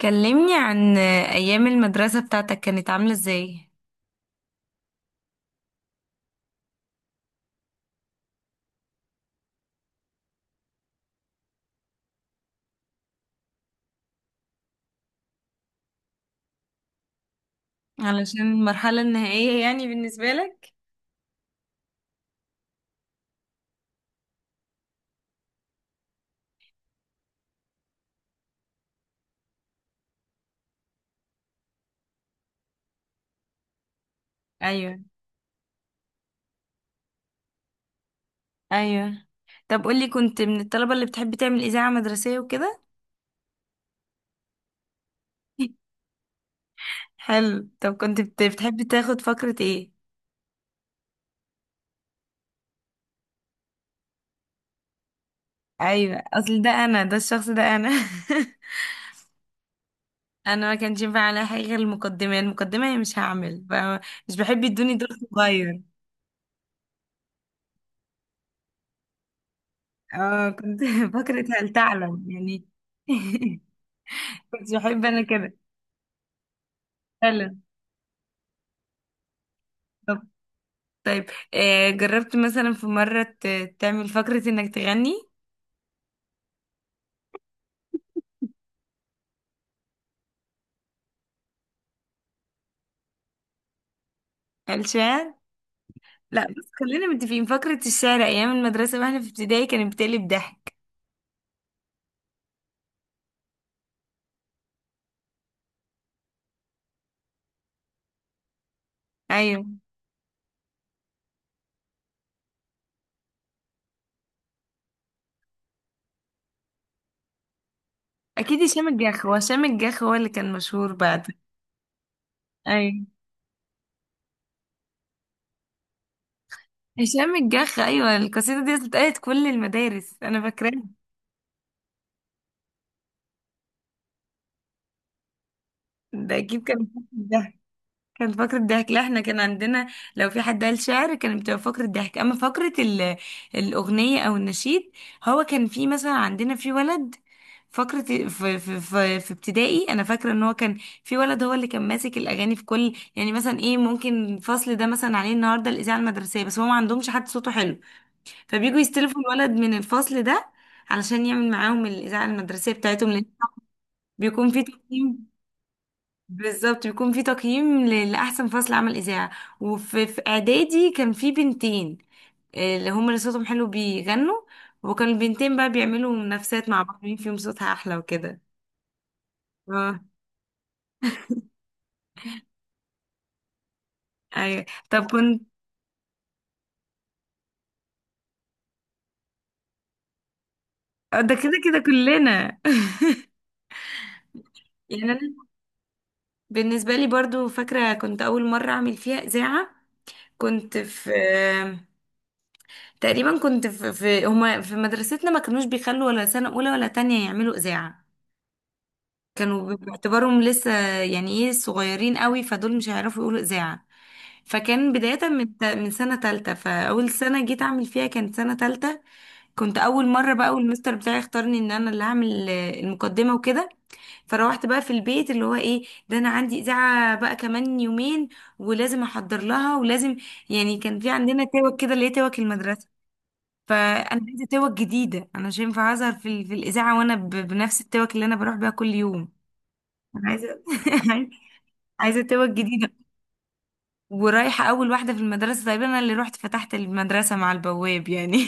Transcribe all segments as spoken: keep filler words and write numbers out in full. كلمني عن أيام المدرسة بتاعتك كانت عاملة ازاي؟ علشان المرحلة النهائية يعني بالنسبة لك؟ أيوه، أيوه. طب قولي، كنت من الطلبة اللي بتحب تعمل إذاعة مدرسية وكده؟ حلو. طب كنت بت- بتحب تاخد فقرة ايه؟ أيوه، أصل ده أنا، ده الشخص ده أنا. أنا ما كانش ينفع على حاجة غير المقدمة، المقدمة هي، مش هعمل ف- مش بحب يدوني دور صغير. اه كنت فقرة هل تعلم يعني. كنت بحب أنا كده. حلو. طيب آه، جربت مثلا في مرة ت- تعمل فقرة انك تغني؟ الشعر؟ لا بس خلينا متفقين، فقرة الشعر ايام المدرسة واحنا في ابتدائي كانت بتقلب ضحك. ايوه، اكيد هشام الجاخ، هو هشام الجاخ هو اللي كان مشهور بعد. ايوه هشام الجاخ، ايوه. القصيدة دي اتقالت كل المدارس، انا فاكراها. ده اكيد كان بتقلب ضحك. كان فقرة ضحك. لا احنا كان عندنا، لو في حد قال شعر كانت بتبقى فقرة ضحك، اما فقرة ال- الأغنية او النشيد. هو كان في مثلا عندنا في ولد فقرة في, في, في, في ابتدائي. انا فاكرة ان هو كان في ولد هو اللي كان ماسك الاغاني في كل، يعني مثلا ايه، ممكن الفصل ده مثلا عليه النهارده الاذاعة المدرسية بس هو ما عندهمش حد صوته حلو، فبييجوا يستلفوا الولد من الفصل ده علشان يعمل معاهم الاذاعة المدرسية بتاعتهم، لان بيكون في تقييم. بالظبط، بيكون في تقييم ل- لأحسن فصل عمل إذاعة. وفي في إعدادي كان في بنتين، آه، اللي هم اللي صوتهم حلو بيغنوا. وكان البنتين بقى بيعملوا منافسات مع بعض، مين فيهم صوتها أحلى وكده. اه. أيوة. طب كنت آه، ده كده كده كلنا. يعني أنا، بالنسبة لي برضو فاكرة كنت أول مرة أعمل فيها إذاعة، كنت في آه، تقريبا كنت في, في هما في مدرستنا ما كانوش بيخلوا ولا سنة أولى ولا تانية يعملوا إذاعة. كانوا باعتبارهم لسه، يعني ايه، صغيرين قوي فدول مش هيعرفوا يقولوا اذاعه. فكان بدايه من ت- من سنه تالتة، فاول سنه جيت اعمل فيها كانت سنه تالتة. كنت اول مره بقى، والمستر بتاعي اختارني ان انا اللي هعمل آه، المقدمه وكده. فروحت بقى في البيت اللي هو ايه ده، انا عندي اذاعه بقى كمان يومين ولازم احضر لها ولازم، يعني كان في عندنا توك كده اللي هي توك المدرسه، فانا عايزه توك جديده. انا مش هينفع اظهر في, ال- في الاذاعه وانا ب- بنفس التوك اللي انا بروح بيها كل يوم. أنا عايزه عايزه توك جديده. ورايحه اول واحده في المدرسه، تقريبا انا اللي رحت فتحت المدرسه مع البواب يعني.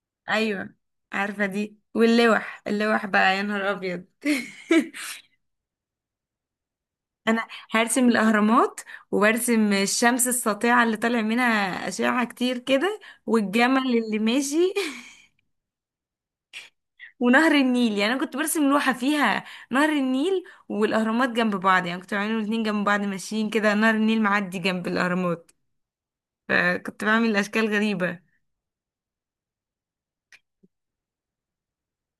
ايوه عارفه دي. واللوح، اللوح بقى يا نهار ابيض. انا هرسم الاهرامات وبرسم الشمس الساطعه اللي طالع منها اشعه كتير كده، والجمل اللي ماشي. ونهر النيل، يعني انا كنت برسم لوحه فيها نهر النيل والاهرامات جنب بعض، يعني كنت بعملهم الاتنين جنب بعض ماشيين كده، نهر النيل معدي جنب الاهرامات، فكنت بعمل اشكال غريبه.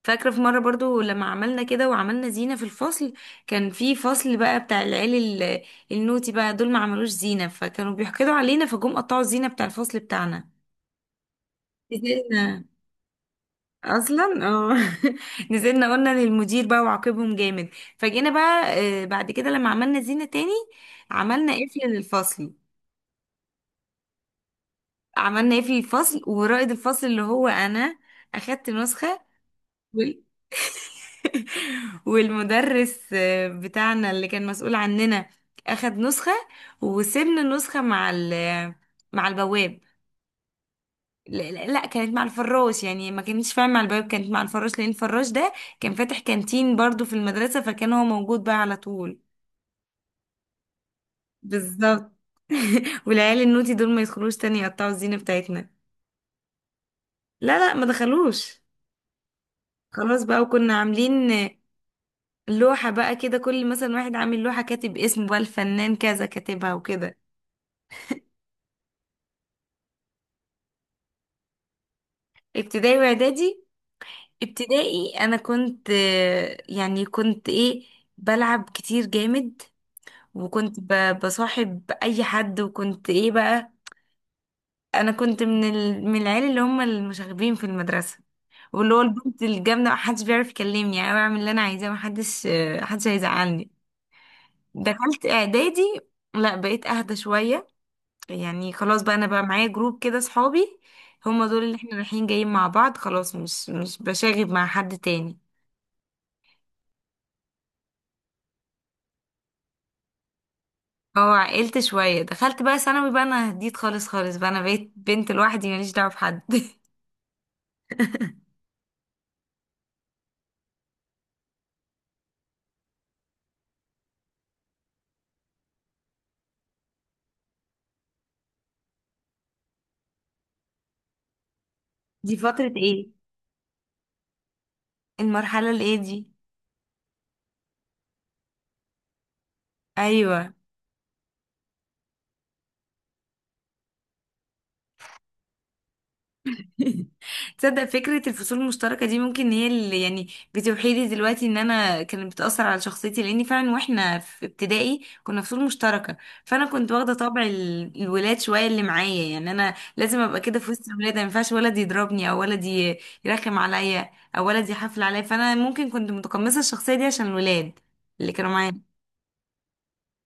فاكره في مره برضو لما عملنا كده وعملنا زينه في الفصل، كان في فصل بقى بتاع العيال، ال- النوتي بقى دول ما عملوش زينه فكانوا بيحقدوا علينا فجم قطعوا الزينه بتاع الفصل بتاعنا. نزلنا اصلا، اه. نزلنا قلنا للمدير بقى وعاقبهم جامد. فجينا بقى آه، بعد كده لما عملنا زينه تاني عملنا قفل للفصل. عملنا قفل الفصل ورائد الفصل اللي هو انا، اخدت نسخه. والمدرس آه، بتاعنا اللي كان مسؤول عننا اخد نسخة، وسيبنا النسخة مع ال مع البواب. لا, لا لا، كانت مع الفراش. يعني ما كانتش، فاهم، مع البواب كانت مع الفراش، لان الفراش ده كان فاتح كانتين برضو في المدرسة فكان هو موجود بقى على طول. بالظبط. والعيال النوتي دول ما يدخلوش تاني يقطعوا الزينة بتاعتنا. لا لا، ما دخلوش. خلاص بقى. وكنا عاملين لوحة بقى كده، كل مثلا واحد عامل لوحة كاتب اسمه بقى الفنان كذا كاتبها وكده. ابتدائي واعدادي. ابتدائي انا كنت آه، يعني كنت ايه، بلعب كتير جامد، وكنت ب- بصاحب اي حد، وكنت ايه بقى، انا كنت من ال... من العيال اللي هم المشاغبين في المدرسه، واللي هو البنت الجامده محدش بيعرف يكلمني يعني، انا بعمل اللي انا عايزاه، محدش آه، محدش هيزعلني. دخلت اعدادي، لا بقيت اهدى شويه، يعني خلاص بقى انا بقى معايا جروب كده صحابي، هما دول اللي احنا رايحين جايين مع بعض خلاص، مش مش بشاغب مع حد تاني. اه عقلت شوية. دخلت بقى ثانوي، بقى انا هديت خالص خالص، بقى انا بقيت بنت لوحدي ماليش دعوة بحد. دي فترة ايه؟ المرحلة الايه دي؟ ايوه. تصدق فكرة الفصول المشتركة دي ممكن هي اللي، يعني، بتوحي لي دلوقتي ان انا كانت بتأثر على شخصيتي، لاني فعلا واحنا في ابتدائي كنا فصول مشتركة، فانا كنت واخدة طبع ال- الولاد شوية اللي معايا، يعني انا لازم ابقى كده في وسط الولاد، ما ينفعش ولد يضربني او ولد ي- يرخم عليا، او ولد يحفل عليا، فانا ممكن كنت متقمصة الشخصية دي عشان الولاد اللي كانوا معايا.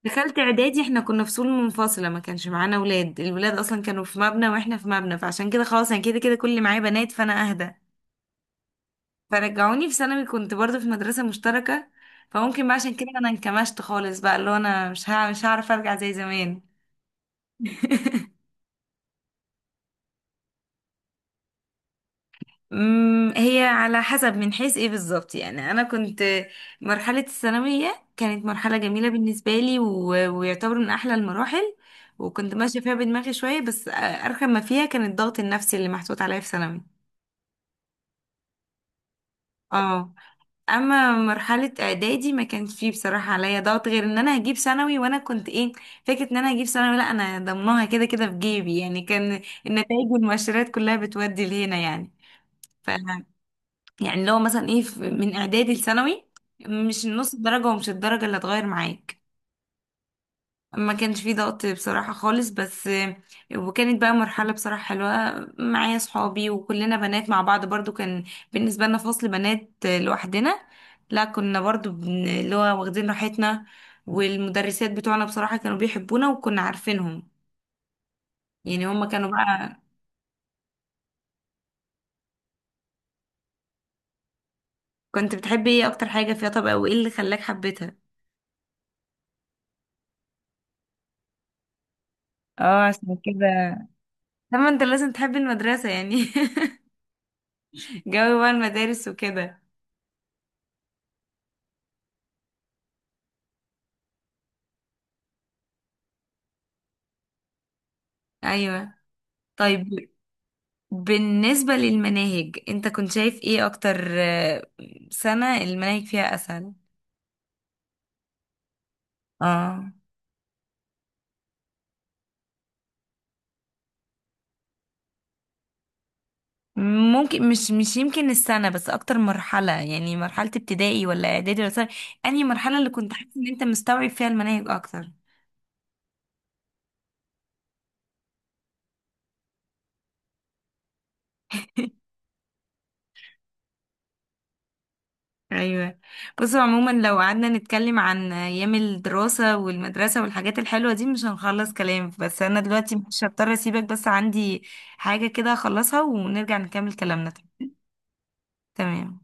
دخلت اعدادي احنا كنا فصول منفصله، ما كانش معانا ولاد، الولاد اصلا كانوا في مبنى واحنا في مبنى، فعشان كده خلاص انا كده كده كل اللي معايا بنات، فانا اهدى. فرجعوني في ثانوي كنت برضو في مدرسة مشتركة، فممكن بقى عشان كده انا انكمشت خالص بقى، اللي هو انا مش ها مش هعرف ارجع زي زمان. أمم، هي على حسب من حيث ايه بالظبط، يعني انا كنت، مرحلة الثانوية كانت مرحلة جميلة بالنسبة لي، و... ويعتبر من احلى المراحل، وكنت ماشية فيها بدماغي شوية، بس ارخم ما فيها كان الضغط النفسي اللي محطوط عليا في ثانوي. اه. اما مرحله اعدادي ما كانش فيه بصراحه عليا ضغط، غير ان انا هجيب ثانوي، وانا كنت ايه، فكره ان انا هجيب ثانوي، لا انا ضمناها كده كده في جيبي يعني، كان النتائج والمؤشرات كلها بتودي لهنا يعني. ف يعني لو مثلا ايه في- من اعدادي لثانوي، مش النص الدرجه ومش الدرجه اللي هتغير معاك. ما كانش فيه ضغط بصراحة خالص بس. وكانت بقى مرحلة بصراحة حلوة، معايا صحابي وكلنا بنات مع بعض برضو، كان بالنسبة لنا فصل بنات لوحدنا، لا كنا برضو بن- اللي هو واخدين راحتنا، والمدرسات بتوعنا بصراحة كانوا بيحبونا وكنا عارفينهم، يعني هما كانوا بقى. كنت بتحبي ايه اكتر حاجة فيها؟ طب او ايه اللي خلاك حبيتها؟ اه عشان كده. طبعا انت لازم تحبي المدرسة يعني. جو بقى المدارس وكده. ايوه طيب. بالنسبة للمناهج، انت كنت شايف ايه اكتر، آه، سنة المناهج فيها اسهل؟ اه ممكن. مش مش يمكن السنة بس، اكتر مرحلة يعني، مرحلة ابتدائي ولا اعدادي ولا ثانوي، انهي مرحلة اللي كنت حاسس ان انت مستوعب فيها المناهج اكتر؟ ايوه. بص عموما لو قعدنا نتكلم عن ايام الدراسة والمدرسة والحاجات الحلوة دي مش هنخلص كلام، بس انا دلوقتي مش هضطر اسيبك، بس عندي حاجة كده اخلصها ونرجع نكمل كلامنا تاني. تمام.